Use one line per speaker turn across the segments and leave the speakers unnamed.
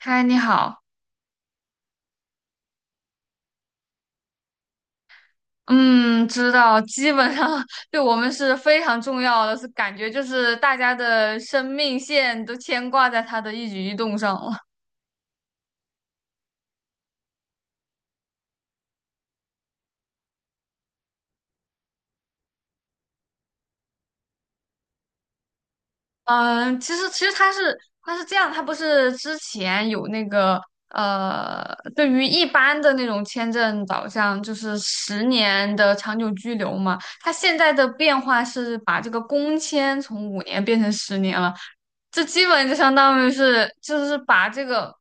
嗨，你好。嗯，知道，基本上 对我们是非常重要的，是感觉就是大家的生命线都牵挂在他的一举一动上了。嗯，其实他是这样，他不是之前有那个对于一般的那种签证导向，就是十年的长久居留嘛。他现在的变化是把这个工签从五年变成十年了，这基本就相当于是就是把这个。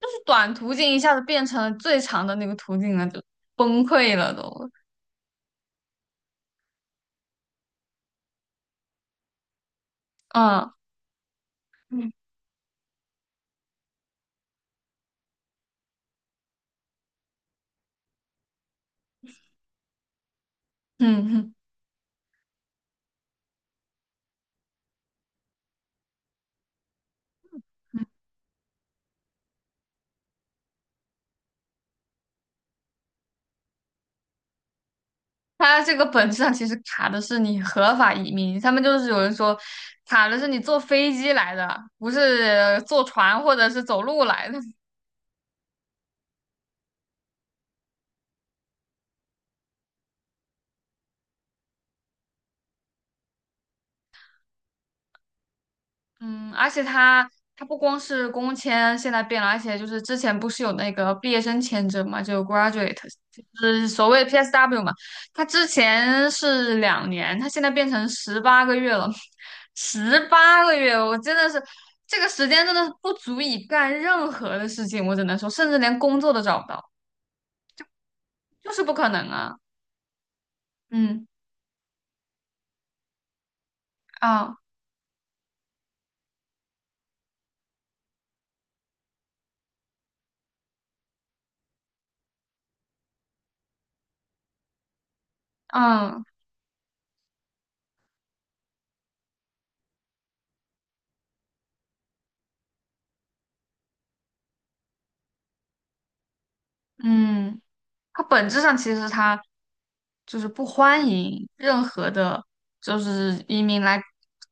就是短途径一下子变成了最长的那个途径了，就崩溃了都。嗯。嗯。嗯哼。它这个本质上其实卡的是你合法移民，他们就是有人说卡的是你坐飞机来的，不是坐船或者是走路来的。嗯，而且他不光是工签现在变了，而且就是之前不是有那个毕业生签证嘛，就 graduate，就是所谓的 PSW 嘛。他之前是2年，他现在变成十八个月了，十八个月，我真的是这个时间真的是不足以干任何的事情，我只能说，甚至连工作都找不到，就是不可能啊。嗯。啊。嗯。嗯，它本质上其实它就是不欢迎任何的，就是移民来，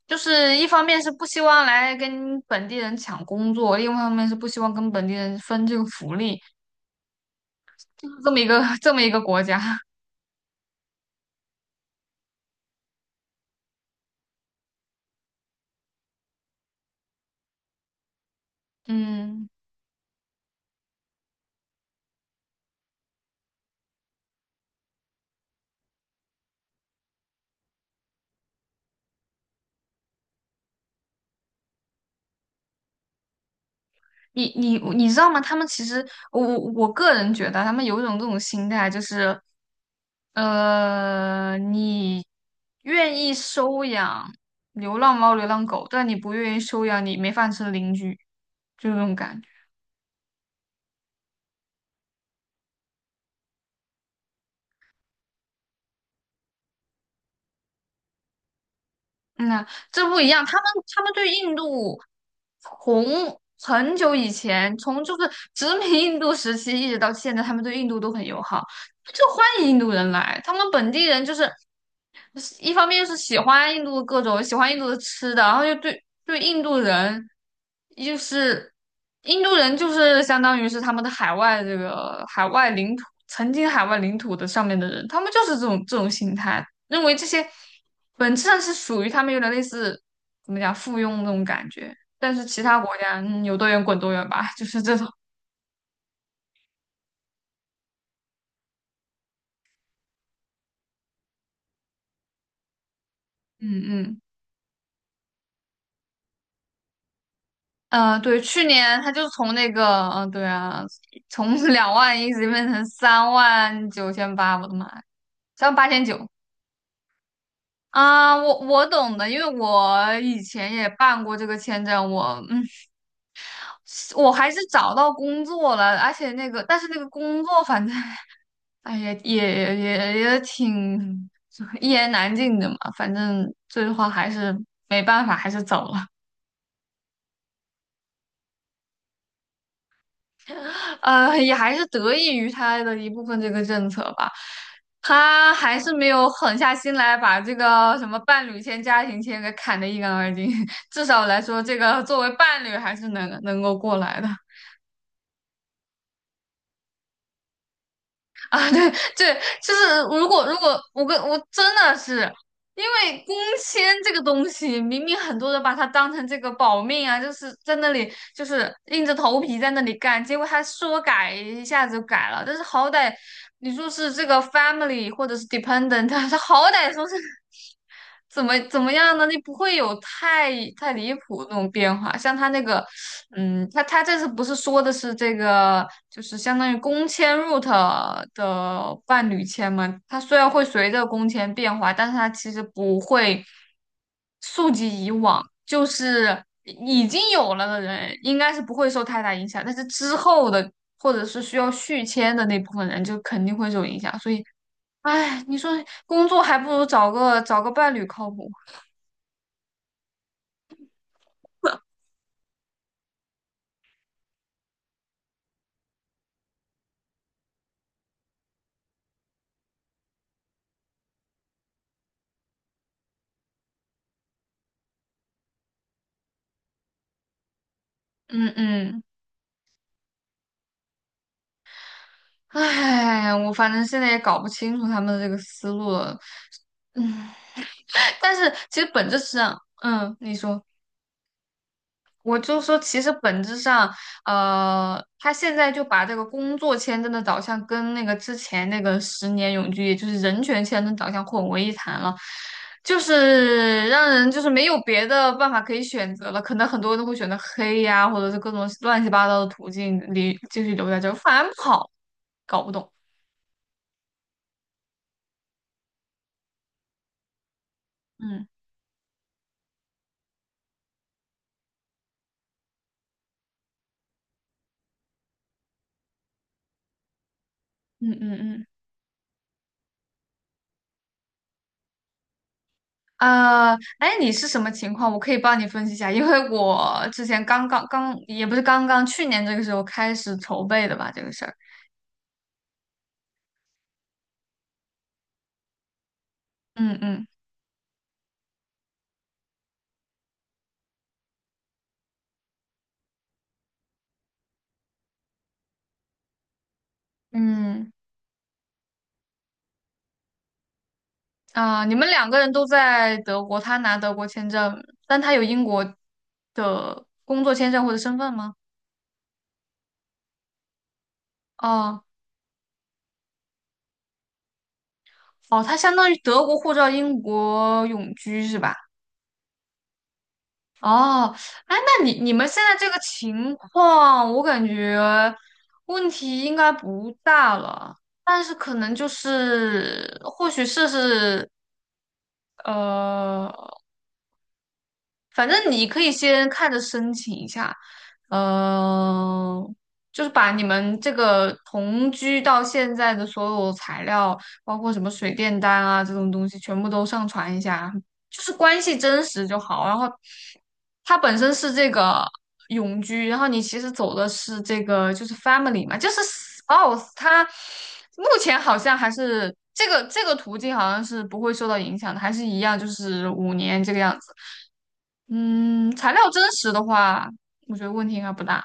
就是一方面是不希望来跟本地人抢工作，另外一方面是不希望跟本地人分这个福利，就是这么一个 这么一个国家。嗯，你知道吗？他们其实我个人觉得，他们有一种这种心态，就是你愿意收养流浪猫、流浪狗，但你不愿意收养你没饭吃的邻居，就这种感觉。嗯呐，这不一样。他们对印度从很久以前，从就是殖民印度时期一直到现在，他们对印度都很友好，就欢迎印度人来。他们本地人就是一方面是喜欢印度的各种，喜欢印度的吃的，然后又对印度人，就是印度人就是相当于是他们的海外这个海外领土，曾经海外领土的上面的人，他们就是这种心态。认为这些本质上是属于他们有点类似怎么讲附庸那种感觉，但是其他国家有多远滚多远吧，就是这种。嗯。嗯。对，去年他就是从那个嗯、对啊，从 2万一直变成39800，我的妈呀，38900。啊，我懂的，因为我以前也办过这个签证，我我还是找到工作了，而且那个，但是那个工作反正 哎，也挺一言难尽的嘛。反正最后还是没办法，还是走了。也还是得益于他的一部分这个政策吧，他还是没有狠下心来把这个什么伴侣签、家庭签给砍得一干二净。至少来说，这个作为伴侣还是能够过来的。啊，对。对，就是如果我真的是因为工签这个东西，明明很多人把它当成这个保命啊，就是在那里就是硬着头皮在那里干，结果他说改一下子就改了，但是好歹你说是这个 family 或者是 dependent，他好歹说是怎么样呢？你不会有太离谱的那种变化，像他那个他这次不是说的是这个，就是相当于工签入 o 的伴侣签吗？它虽然会随着工签变化，但是它其实不会溯及以往，就是已经有了的人应该是不会受太大影响，但是之后的或者是需要续签的那部分人就肯定会受影响。所以，哎，你说工作还不如找个伴侣靠谱。嗯。嗯。唉，我反正现在也搞不清楚他们的这个思路了。嗯，但是其实本质上，嗯，你说，我就说，其实本质上，他现在就把这个工作签证的导向跟那个之前那个十年永居，也就是人权签证导向混为一谈了，就是让人就是没有别的办法可以选择了。可能很多人都会选择黑呀，或者是各种乱七八糟的途径里继续留在这儿，反而不好，搞不懂。嗯。嗯。嗯。嗯。啊，哎，你是什么情况？我可以帮你分析一下，因为我之前刚刚也不是刚刚，去年这个时候开始筹备的吧，这个事儿。嗯。嗯。嗯，啊，你们两个人都在德国，他拿德国签证，但他有英国的工作签证或者身份吗？哦。哦，他相当于德国护照、英国永居是吧？哦，哎，那你们现在这个情况，我感觉问题应该不大了，但是可能就是或许试试，呃，反正你可以先看着申请一下，呃，就是把你们这个同居到现在的所有材料，包括什么水电单啊这种东西，全部都上传一下，就是关系真实就好。然后它本身是这个永居，然后你其实走的是这个就是 family 嘛，就是 spouse。它目前好像还是这个途径好像是不会受到影响的，还是一样就是五年这个样子。嗯，材料真实的话，我觉得问题应该不大。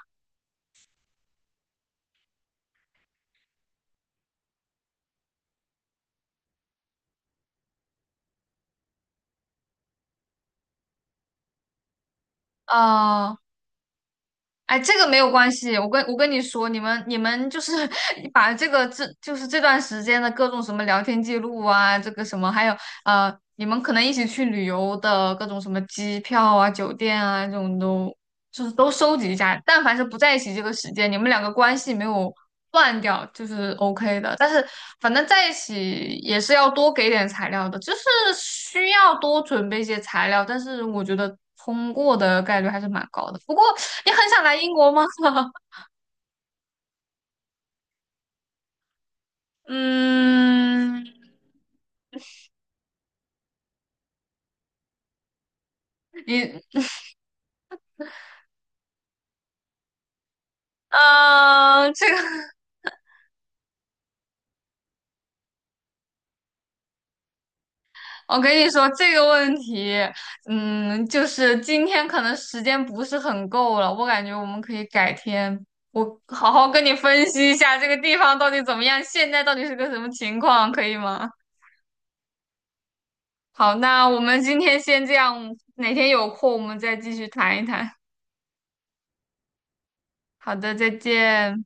啊。哎，这个没有关系，我跟你说，你们就是 把这个这就是这段时间的各种什么聊天记录啊，这个什么，还有你们可能一起去旅游的各种什么机票啊、酒店啊这种都就是都收集一下。但凡是不在一起这个时间，你们两个关系没有断掉，就是 OK 的。但是反正在一起也是要多给点材料的，就是需要多准备一些材料。但是我觉得通过的概率还是蛮高的。不过。你很想来英国吗？嗯，你，这个我跟你说，这个问题，嗯，就是今天可能时间不是很够了，我感觉我们可以改天，我好好跟你分析一下这个地方到底怎么样，现在到底是个什么情况，可以吗？好，那我们今天先这样，哪天有空我们再继续谈一谈。好的，再见。